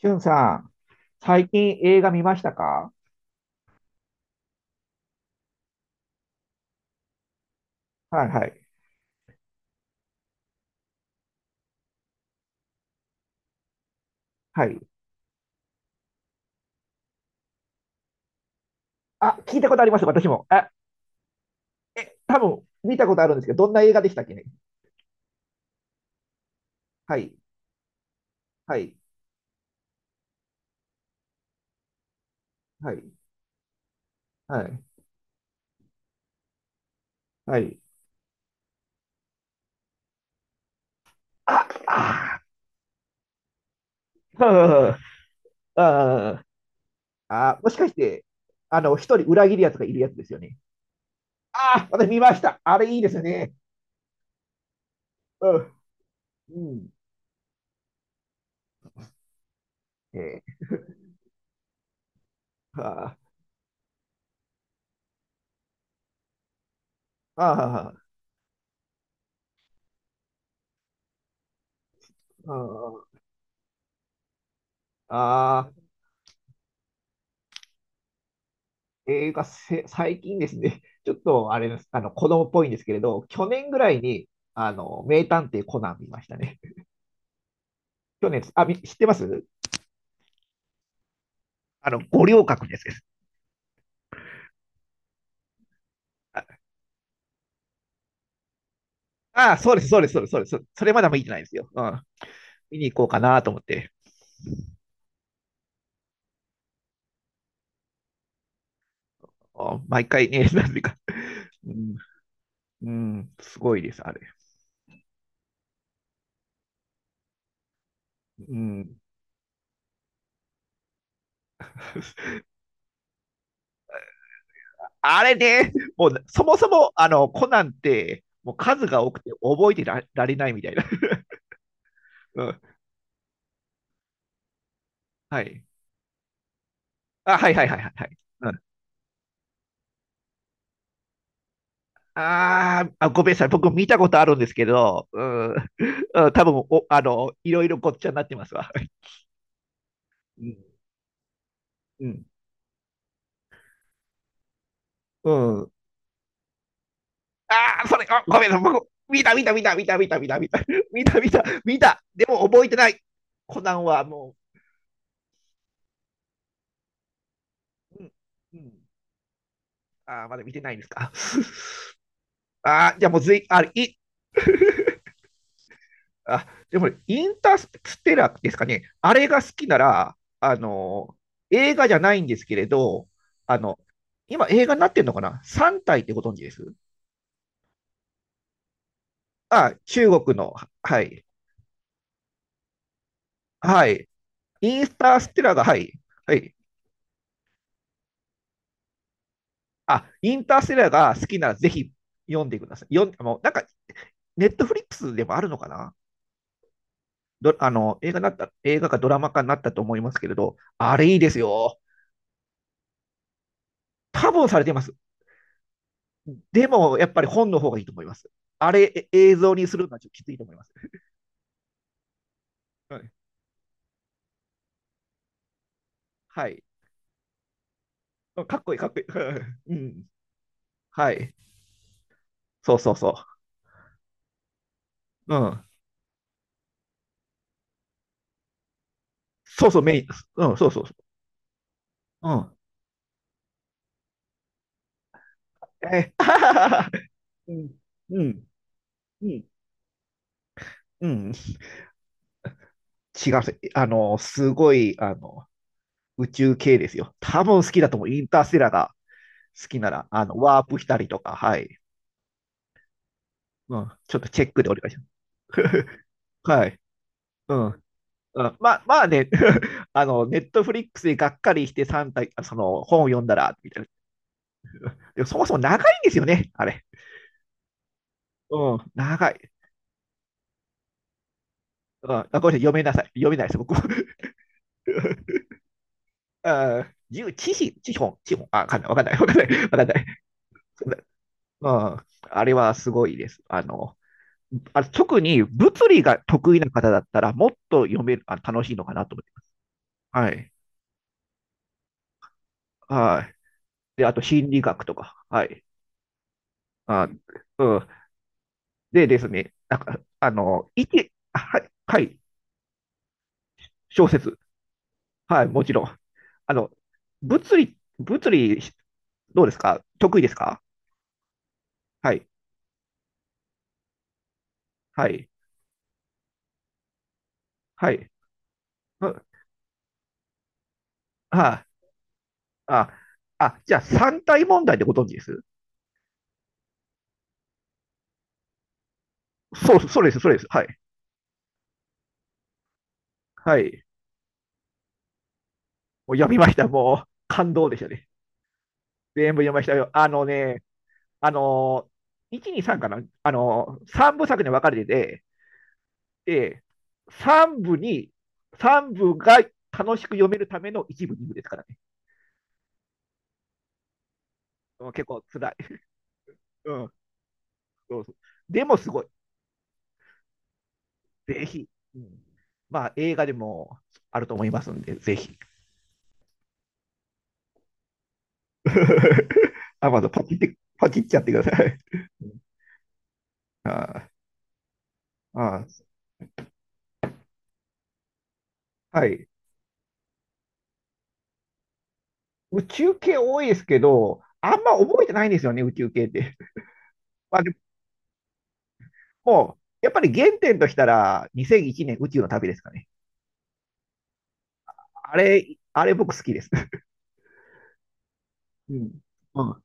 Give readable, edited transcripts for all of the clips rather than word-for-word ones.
しゅんさん、最近映画見ましたか？はいはい。はい。あ、聞いたことあります、私も。多分見たことあるんですけど、どんな映画でしたっけね。はい。はい。はい。はい。はい。あ、あー、うんうんあー、あー、もしかして、一人裏切るやつがいるやつですよね。ああ私見ました。あれいいですね。うん。うん。えー、あー、あー、あー、あー映画せ、最近ですね、ちょっとあれです、子供っぽいんですけれど、去年ぐらいに、名探偵コナン見ましたね。去年、み知ってます。五稜郭です。あ、そうです、そうです、そうです、そうです。それまだ見てないんですよ。うん。見に行こうかなと思って。あ毎回ね、なんていうか。うん、うすごいです、あれ。うん。あれね、もう、そもそも、コナンって、もう数が多くて覚えてら、られないみたいな。うん。はい。あ、はいはいはいはい。はい。うん。あーあ、ごめんなさい、僕見たことあるんですけど、うん、うん多分おあのいろいろごっちゃになってますわ。うんうんうん、ああ、それ、あ、ごめんなさい、僕、見た、見た、見た、見た、見た、見た、見た、見た、見た、見た、でも覚えてない。コナンはもう、うん、ああ、まだ見てないんですか？ああ、じゃあもうずい、あれ、い、あ、でもね、インターステラーですかね。あれが好きなら、映画じゃないんですけれど、あの、今映画になってるのかな？ 3 体ってご存知です中国の、はい、はい。インターステラーが、はい、はい。インターステラーが好きならぜひ読んでください。読ん、もうなんか、ネットフリックスでもあるのかな？ど、あの、映画になった、映画かドラマ化になったと思いますけれど、あれいいですよ。多分されてます。でも、やっぱり本の方がいいと思います。あれ、映像にするのはちょっときついと思います。はい。はい。かっこいい、かっこいい。うん。はい。そうそうそう。うん。そうそう、メイン。うん、そうそうそう。うん。えー うん、うん、うん、うん。違う、あの、すごい、あの、宇宙系ですよ。多分好きだと思う。インターステラーが好きなら、ワープしたりとか、はい。うん、ちょっとチェックでお願いします。はい。うん。うん、まあ、まあね、ネットフリックスでがっかりして3体、本を読んだら、みたいな。でもそもそも長いんですよね、あれ。うん、長い。うん、あごめんなさい、読めなさい。読めないです、僕も。あ十知識、知本、知本。あ、わかんない。うん、あれはすごいです。あ特に物理が得意な方だったら、もっと読める、あ楽しいのかなと思ってます。はい。はい。で、あと心理学とか。はい。あ、うん。でですね、なんか、いけ、はい、はい、小説。はい、もちろん。あの、物理、どうですか得意ですか？はい、はい、はい。は、はあ、あ、あじゃあ三体問題でご存知ですそう、そうです、そうです。はい、はい。もう読みました。もう感動でしたね。全部読みましたよ。あのね、あの、1、2、3かなあの、3部作に分かれてて、えー、3部に、3部が楽しく読めるための1部、2部ですからね。うん、結構辛い。うん、そうそう。でもすごい。ぜひ。うん、まあ、映画でもあると思いますんで、ぜひ。アマゾンパチって、パチっちゃってください。ああはい。宇宙系多いですけど、あんま覚えてないんですよね、宇宙系って。まあ、でも、やっぱり原点としたら、2001年宇宙の旅ですかね。あれ僕好きです。うん。うん、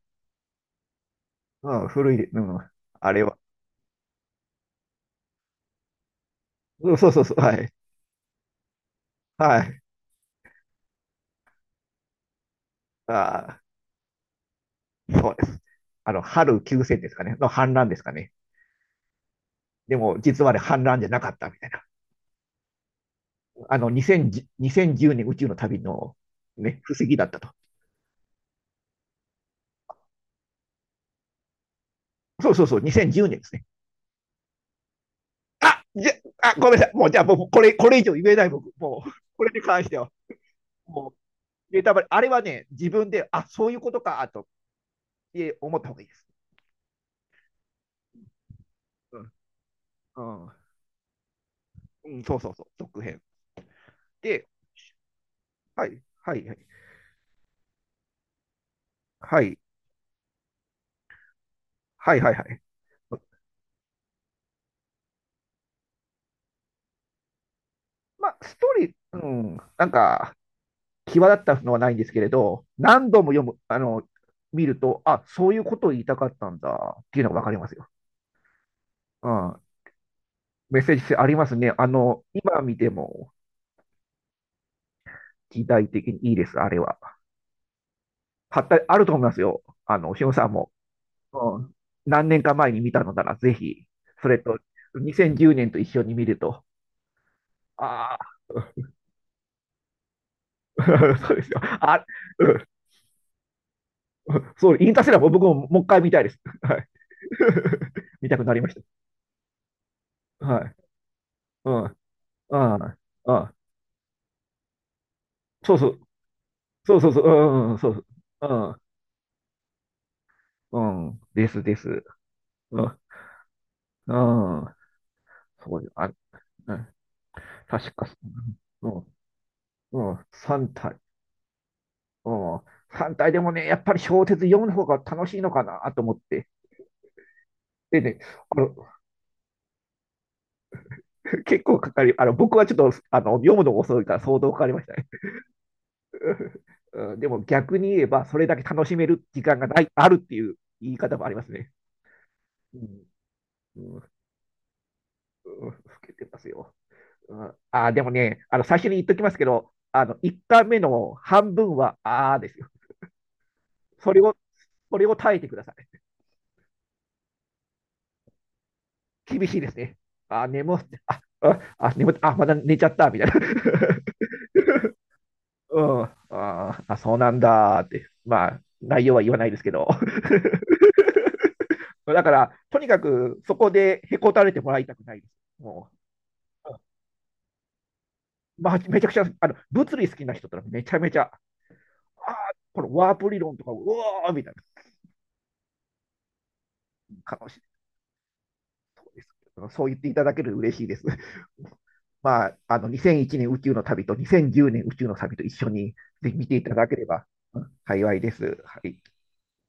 うん、古い、うん、あれは。うん、そうそうそう、はい。はい。あー、そうです。春休戦ですかね、の反乱ですかね。でも、実はあれ反乱じゃなかったみたいな。2010年宇宙の旅の、ね、布石だったと。そうそうそう、2010年ですね。あ、じゃ、あ、ごめんなさい。もう、じゃあ、僕、これ、これ以上言えない、僕。もう、これに関しては、もう、ネタバレ、あれはね、自分で、あ、そういうことか、と、思った方がいいです。うん、うん、うん、そうそうそう、続編。で、はい、はい、はい。はい。はいはいはい。まあ、ストーリー、ん、なんか、際立ったのはないんですけれど、何度も読む、見ると、あ、そういうことを言いたかったんだっていうのがわかりますよ。うん。メッセージ性ありますね。今見ても時代的にいいです、あれは。はったあると思いますよ。しおさんも。うん。何年か前に見たのなら、ぜひ、それと、2010年と一緒に見ると、ああ、そうですよ。あ、うん、そう、インターセラーも僕ももう一回見たいです。はい。見たくなりました。はい。うん。うん。あ、そうそう。そうそうそう。うんうん。そうそう。うん。うん。です、です。うん。うん。そうよ。あ、うん。確か、うん。うん。3体。うん。3体でもね、やっぱり小説読む方が楽しいのかなと思って。でね、あの、結構かかり、僕はちょっと、読むのが遅いから相当かかりましたね。うんうんでも逆に言えば、それだけ楽しめる時間がない、あるっていう言い方もありますね。うんうん、老けてますよ。うん、あ、でもね、最初に言っときますけど、1回目の半分は、あーですよ。それを、それを耐えてください。厳しいですね。あ、眠って、あ、あ、あ眠って、あ、まだ寝ちゃった、みたいな。うん、ああ、そうなんだって。まあ、内容は言わないですけど。だから、とにかく、そこでへこたれてもらいたくないです。もう、まあ、めちゃくちゃ、物理好きな人たらめちゃめちゃ、ああ、このワープ理論とか、うわーみたいな。かもしれないそうです。そう言っていただけると嬉しいです。まあ、2001年宇宙の旅と2010年宇宙の旅と一緒に、ぜひ見ていただければうん幸いです。はい。